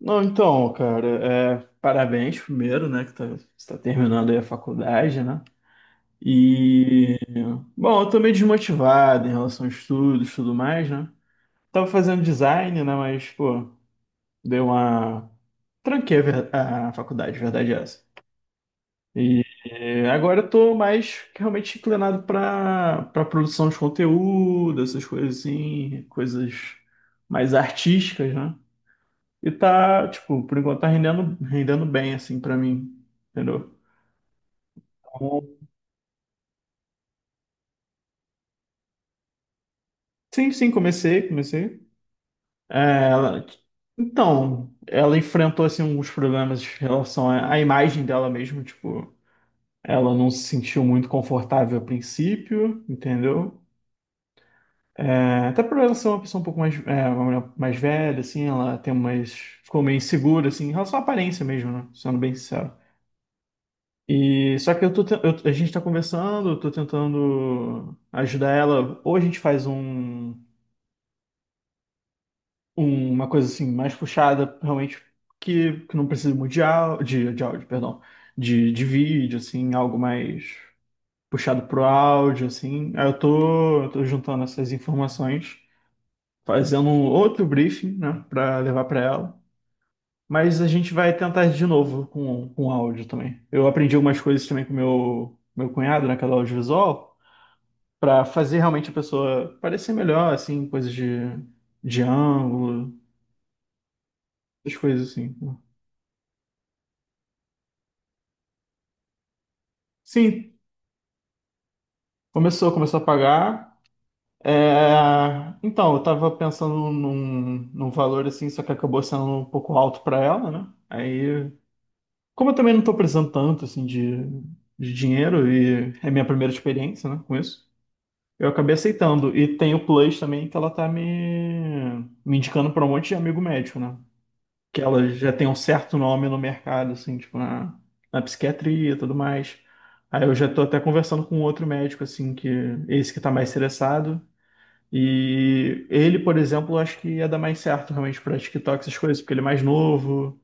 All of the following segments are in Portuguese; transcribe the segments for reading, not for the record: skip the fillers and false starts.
Não, então, cara, parabéns primeiro, né, você tá terminando aí a faculdade, né? E, bom, eu tô meio desmotivado em relação a estudos e tudo mais, né? Tava fazendo design, né, mas, pô, deu uma ...tranquei a faculdade, verdade é essa. E agora eu tô mais realmente inclinado pra produção de conteúdo, essas coisas assim, coisas mais artísticas, né? E tá, tipo, por enquanto tá rendendo, rendendo bem, assim, pra mim. Entendeu? Então, sim, sim, comecei, comecei. É, ela- então, ela enfrentou, assim, alguns problemas em relação à imagem dela mesmo, tipo, ela não se sentiu muito confortável a princípio, entendeu? É, até por ela ser uma pessoa um pouco mais, é, uma mulher mais velha, assim, ela tem umas, ficou meio insegura, assim, em relação à aparência mesmo, né? Sendo bem sincero. E só que eu tô, te- eu- a gente tá conversando, eu tô tentando ajudar ela. Ou a gente faz uma coisa assim mais puxada, realmente que não precisa muito de, áudio, de áudio, perdão, de vídeo, assim, algo mais puxado pro áudio, assim. Aí eu tô juntando essas informações, fazendo um outro briefing, né, para levar para ela. Mas a gente vai tentar de novo com áudio também. Eu aprendi algumas coisas também com meu cunhado naquela audiovisual. Pra fazer realmente a pessoa parecer melhor, assim, coisas de ângulo, essas coisas assim. Sim, começou, começou a pagar. É, então, eu tava pensando num, num valor assim, só que acabou sendo um pouco alto pra ela, né? Aí, como eu também não tô precisando tanto, assim, de dinheiro e é minha primeira experiência, né, com isso, eu acabei aceitando. E tem o Plus também, que ela tá me, me indicando pra um monte de amigo médico, né? Que ela já tem um certo nome no mercado, assim, tipo, na, na psiquiatria e tudo mais. Aí eu já tô até conversando com outro médico, assim, que esse que tá mais interessado. E ele, por exemplo, eu acho que ia dar mais certo realmente pra TikTok, essas coisas, porque ele é mais novo,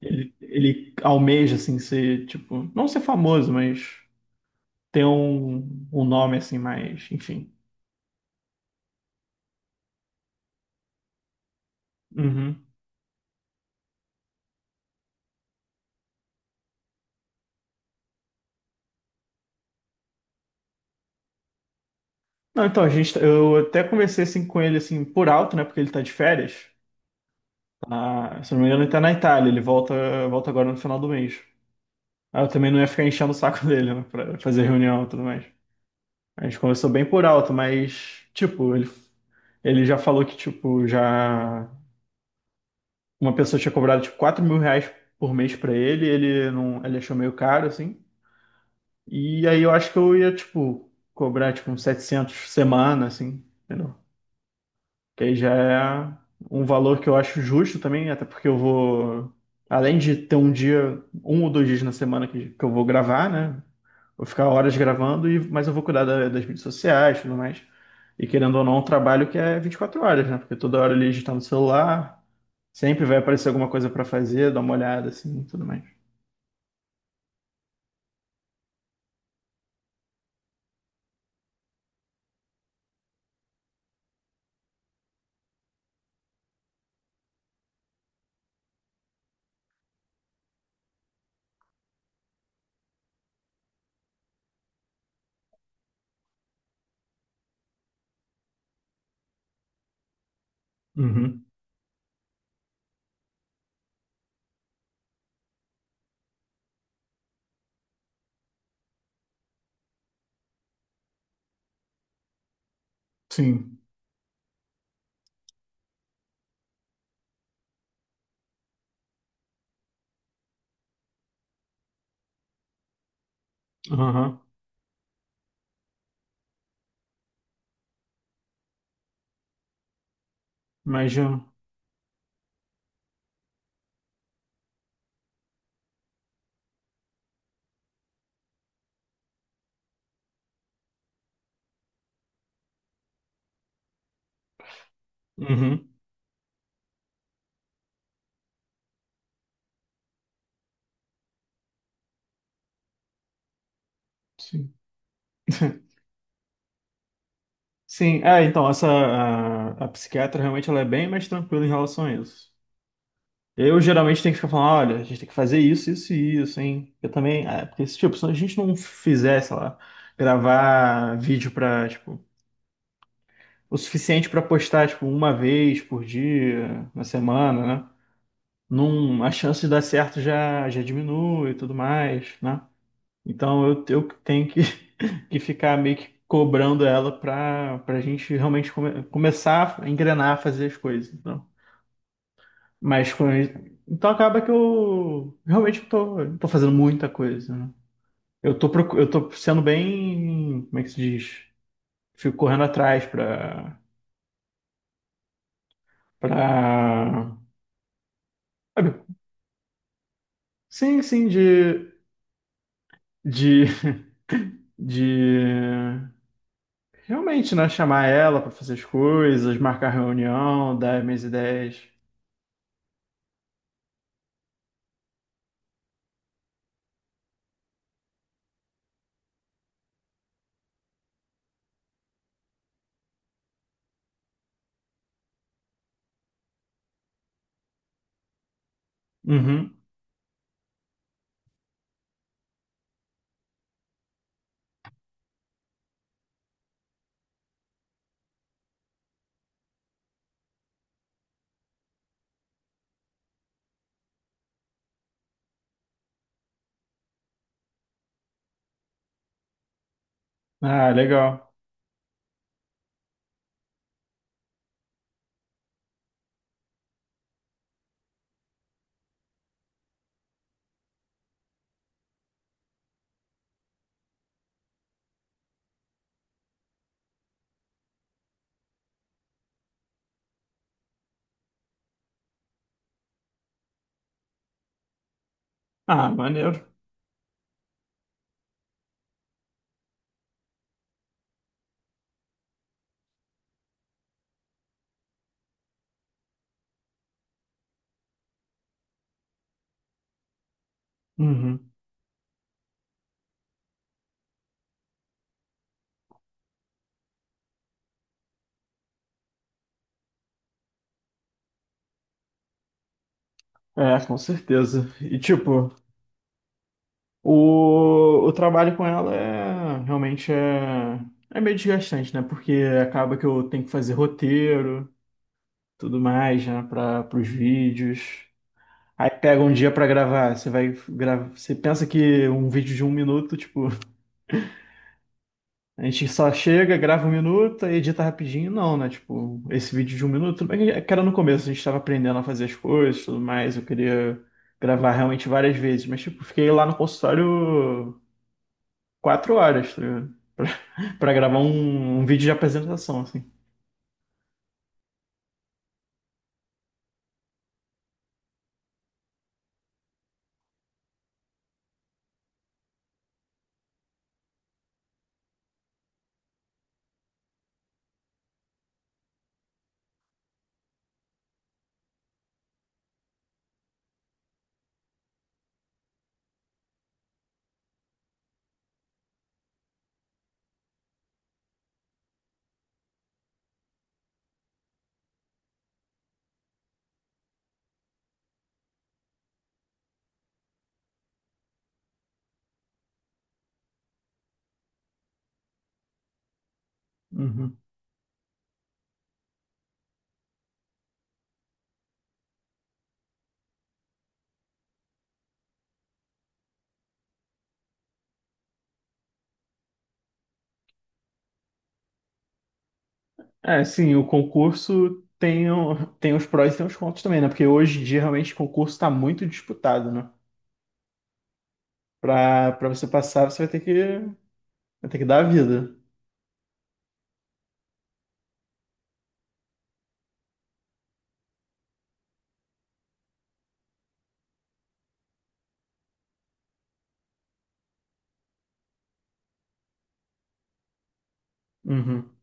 ele almeja, assim, ser, tipo, não ser famoso, mas ter um, um nome, assim, mais, enfim. Uhum. Não, então, a gente, eu até conversei, assim, com ele, assim, por alto, né, porque ele tá de férias. Ah, se não me engano, ele tá na Itália. Ele volta, volta agora no final do mês. Ah, eu também não ia ficar enchendo o saco dele, né, pra fazer reunião e tudo mais. A gente conversou bem por alto, mas, tipo, ele já falou que, tipo, já uma pessoa tinha cobrado, tipo, R$ 4.000 por mês pra ele. Ele não, ele achou meio caro, assim. E aí eu acho que eu ia, tipo, cobrar, tipo, uns 700 semana, assim. Entendeu? Que aí já é um valor que eu acho justo também, até porque eu vou, além de ter um dia, um ou dois dias na semana que eu vou gravar, né? Vou ficar horas gravando, e, mas eu vou cuidar da- das mídias sociais e tudo mais. E querendo ou não, é um trabalho que é 24 horas, né? Porque toda hora ele está no celular, sempre vai aparecer alguma coisa para fazer, dar uma olhada assim e tudo mais. Uhum. Sim. Aham. Mas, já uhum. Sim. sim, é, então, essa, a psiquiatra realmente ela é bem mais tranquila em relação a isso. Eu geralmente tenho que ficar falando, olha, a gente tem que fazer isso, isso e isso, hein? Eu também, é, porque se, tipo, se a gente não fizer, sei lá, gravar vídeo pra, tipo, o suficiente pra postar, tipo, uma vez por dia, na semana, né? Num, a chance de dar certo já, já diminui e tudo mais, né? Então eu tenho que, que ficar meio que cobrando ela pra gente realmente começar a engrenar, a fazer as coisas. Mas com... Então acaba que eu realmente tô, não tô fazendo muita coisa, né? Eu tô sendo bem, como é que se diz? Fico correndo atrás pra... sabe? Sim, sim, de, de realmente, né? Chamar ela pra fazer as coisas, marcar reunião, dar minhas ideias. Uhum. Ah, legal. Ah, maneiro. Uhum. É, com certeza. E tipo, o trabalho com ela é realmente é meio desgastante, né? Porque acaba que eu tenho que fazer roteiro, tudo mais, né? Para os vídeos. Aí pega um dia para gravar. Você vai gravar. Você pensa que um vídeo de um minuto, tipo, a gente só chega, grava um minuto, aí edita rapidinho. Não, né? Tipo, esse vídeo de um minuto, tudo bem que era no começo, a gente estava aprendendo a fazer as coisas, tudo mais. Eu queria gravar realmente várias vezes, mas tipo, fiquei lá no consultório 4 horas, tá ligado? Para gravar um, um vídeo de apresentação, assim. Uhum. É, sim, o concurso tem, o- tem os prós e tem os contras também, né? Porque hoje em dia, realmente, o concurso está muito disputado, né? Para você passar, você vai ter que dar a vida. Uhum.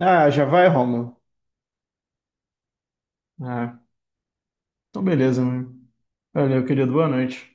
Ah, já vai, Romulo? Ah, então beleza, meu. Valeu, querido. Boa noite.